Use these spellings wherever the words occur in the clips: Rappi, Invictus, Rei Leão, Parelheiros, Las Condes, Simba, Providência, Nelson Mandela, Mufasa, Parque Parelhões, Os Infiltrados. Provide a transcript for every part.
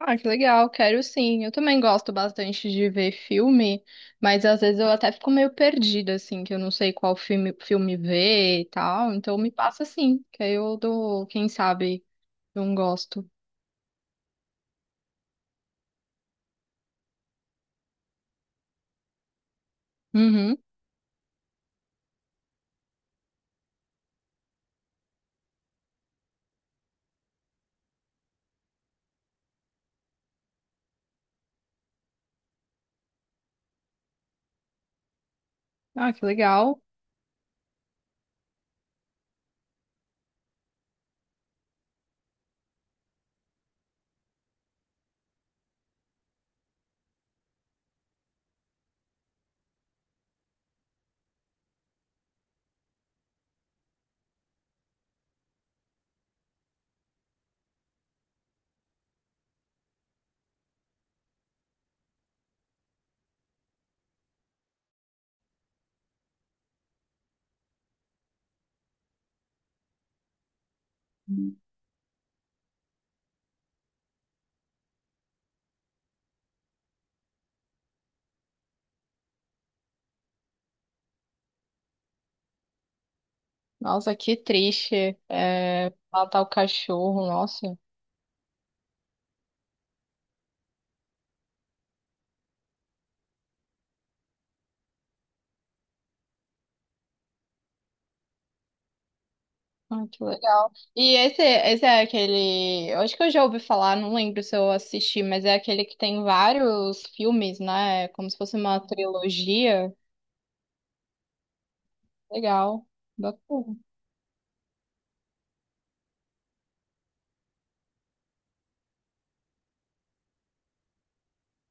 Ah, que legal, quero sim. Eu também gosto bastante de ver filme, mas às vezes eu até fico meio perdida, assim, que eu não sei qual filme ver e tal. Então me passa assim, que aí eu dou, quem sabe, eu não gosto. Uhum. Ah, que legal. Nossa, que triste. É, matar o cachorro, nossa. Ah, que legal. E esse é aquele. Eu acho que eu já ouvi falar, não lembro se eu assisti, mas é aquele que tem vários filmes, né? É como se fosse uma trilogia. Legal, bacana.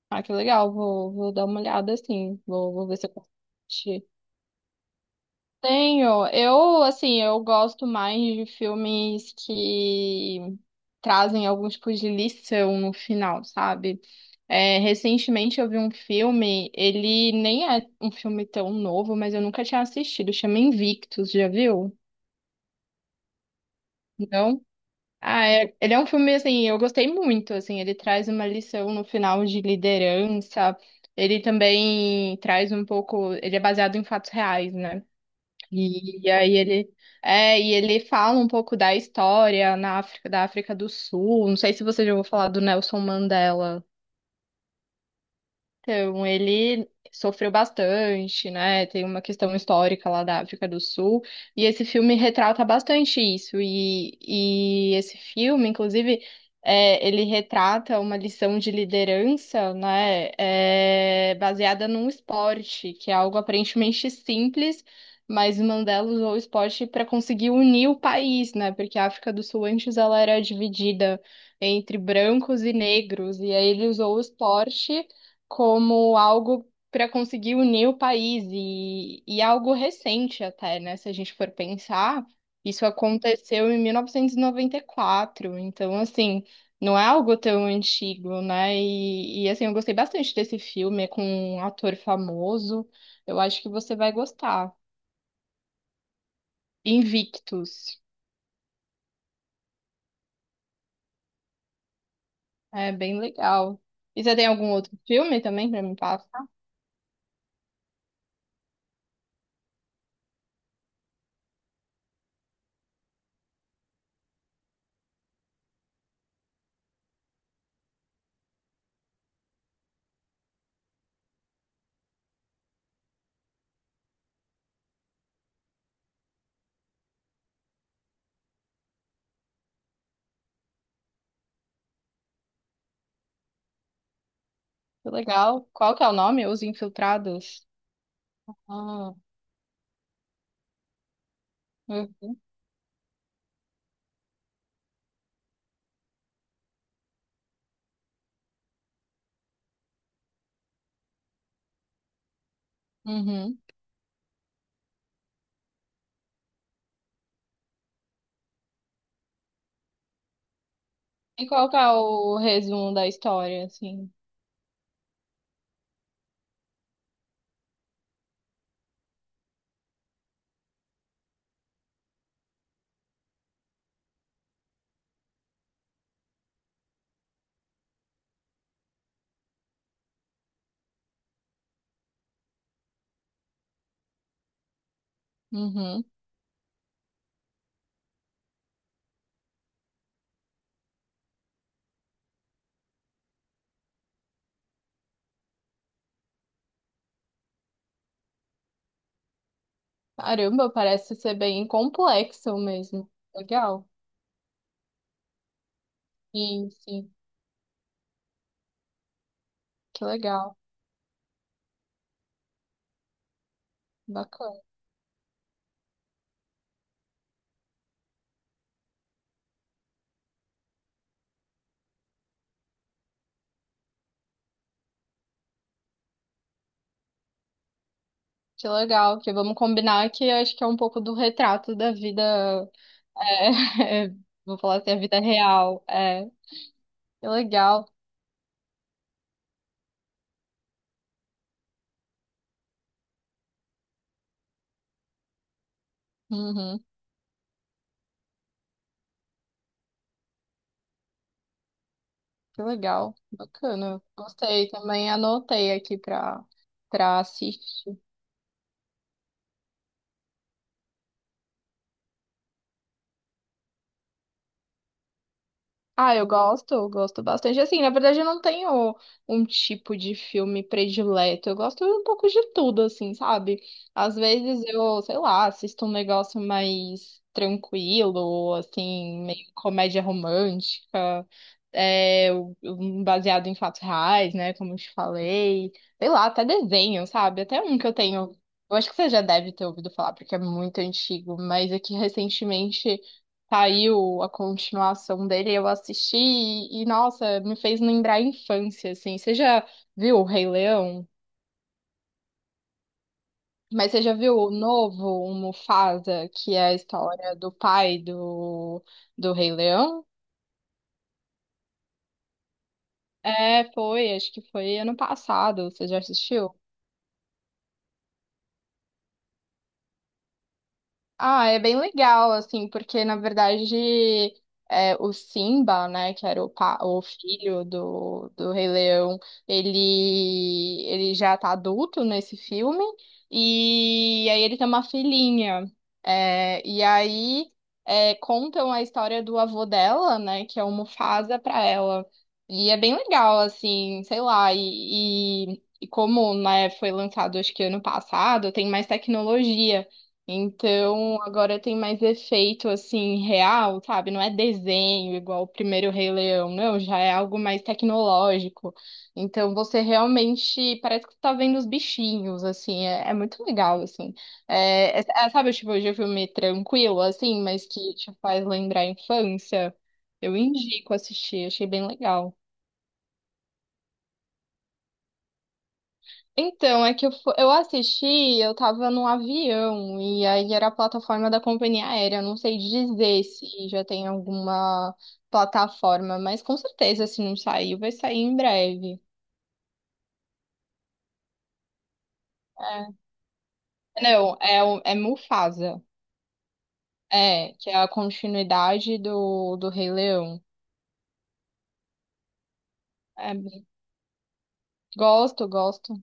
Ah, que legal, vou dar uma olhada assim, vou ver se eu consigo assistir. Tenho, eu, assim, eu gosto mais de filmes que trazem algum tipo de lição no final, sabe? É, recentemente eu vi um filme, ele nem é um filme tão novo, mas eu nunca tinha assistido, chama Invictus, já viu? Não? Ele é um filme, assim, eu gostei muito, assim, ele traz uma lição no final de liderança, ele também traz um pouco, ele é baseado em fatos reais, né? E, e aí ele, e ele fala um pouco da história na África, da África do Sul, não sei se você já ouviu falar do Nelson Mandela. Então, ele sofreu bastante, né? Tem uma questão histórica lá da África do Sul, e esse filme retrata bastante isso. E esse filme, inclusive, é, ele retrata uma lição de liderança, né? É, baseada num esporte, que é algo aparentemente simples, mas o Mandela usou o esporte para conseguir unir o país, né? Porque a África do Sul antes ela era dividida entre brancos e negros, e aí ele usou o esporte como algo para conseguir unir o país e algo recente até, né? Se a gente for pensar, isso aconteceu em mil novecentos e noventa e quatro. Então assim, não é algo tão antigo, né? E assim, eu gostei bastante desse filme, é com um ator famoso. Eu acho que você vai gostar. Invictus. É bem legal. E você tem algum outro filme também para me passar? Que legal. Qual que é o nome? Os Infiltrados. Ah, eu- uhum. E qual que é o resumo da história, assim? Uhum. Caramba, parece ser bem complexo mesmo. Legal. Sim, sim. Que legal. Bacana. Que legal. Que vamos combinar que eu acho que é um pouco do retrato da vida. É, vou falar assim, a vida real. É. Que legal. Uhum. Que legal. Bacana. Gostei. Também anotei aqui pra, pra assistir. Ah, eu gosto bastante. Assim, na verdade, eu não tenho um tipo de filme predileto. Eu gosto um pouco de tudo, assim, sabe? Às vezes eu, sei lá, assisto um negócio mais tranquilo, assim, meio comédia romântica, é, um baseado em fatos reais, né? Como eu te falei. Sei lá, até desenho, sabe? Até um que eu tenho. Eu acho que você já deve ter ouvido falar, porque é muito antigo, mas aqui recentemente saiu a continuação dele, eu assisti e, nossa, me fez lembrar a infância, assim. Você já viu o Rei Leão? Mas você já viu o novo, o Mufasa, que é a história do pai do Rei Leão? É, foi, acho que foi ano passado. Você já assistiu? Ah, é bem legal, assim, porque na verdade é, o Simba, né, que era o, o filho do Rei Leão, ele já tá adulto nesse filme, e aí ele tem uma filhinha. É, e aí é, contam a história do avô dela, né, que é o Mufasa pra ela. E é bem legal, assim, sei lá, e como, né, foi lançado acho que ano passado, tem mais tecnologia. Então, agora tem mais efeito assim real, sabe? Não é desenho igual o primeiro Rei Leão, não, já é algo mais tecnológico. Então, você realmente parece que você tá vendo os bichinhos, assim, é, é muito legal, assim. Sabe tipo de filme tranquilo, assim, mas que te faz lembrar a infância? Eu indico assistir, achei bem legal. Então, é que eu assisti, eu tava num avião, e aí era a plataforma da companhia aérea. Eu não sei dizer se já tem alguma plataforma, mas com certeza, se não saiu, vai sair em breve. É. Não, é, é Mufasa, é, que é a continuidade do Rei Leão. É, gosto, gosto.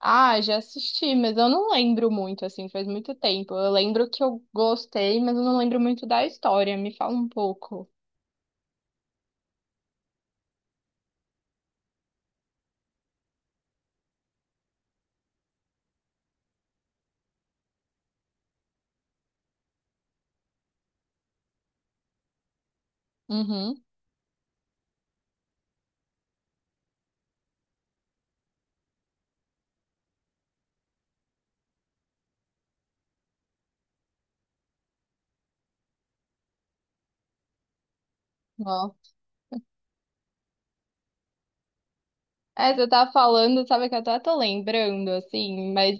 Ah, já assisti, mas eu não lembro muito, assim, faz muito tempo. Eu lembro que eu gostei, mas eu não lembro muito da história. Me fala um pouco. Uhum. Ó. É, você tá falando, sabe que eu até tô lembrando, assim, mas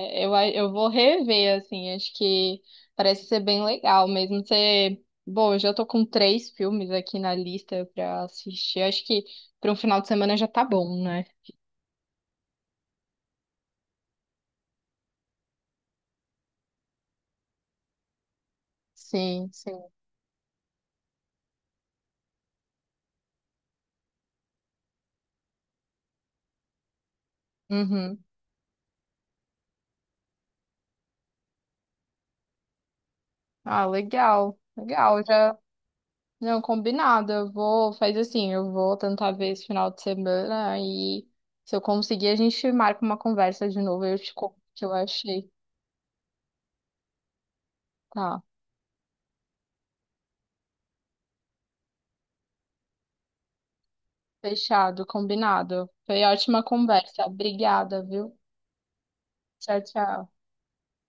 é, eu vou rever, assim, acho que parece ser bem legal mesmo. Você, bom, eu já tô com três filmes aqui na lista pra assistir, acho que pra um final de semana já tá bom, né? Sim, sim. Uhum. Ah, legal, legal, já, não, combinado, eu vou, faz assim, eu vou tentar ver esse final de semana e se eu conseguir a gente marca uma conversa de novo, eu te conto o que eu achei. Tá. Fechado, combinado. Foi ótima conversa. Obrigada, viu? Tchau, tchau.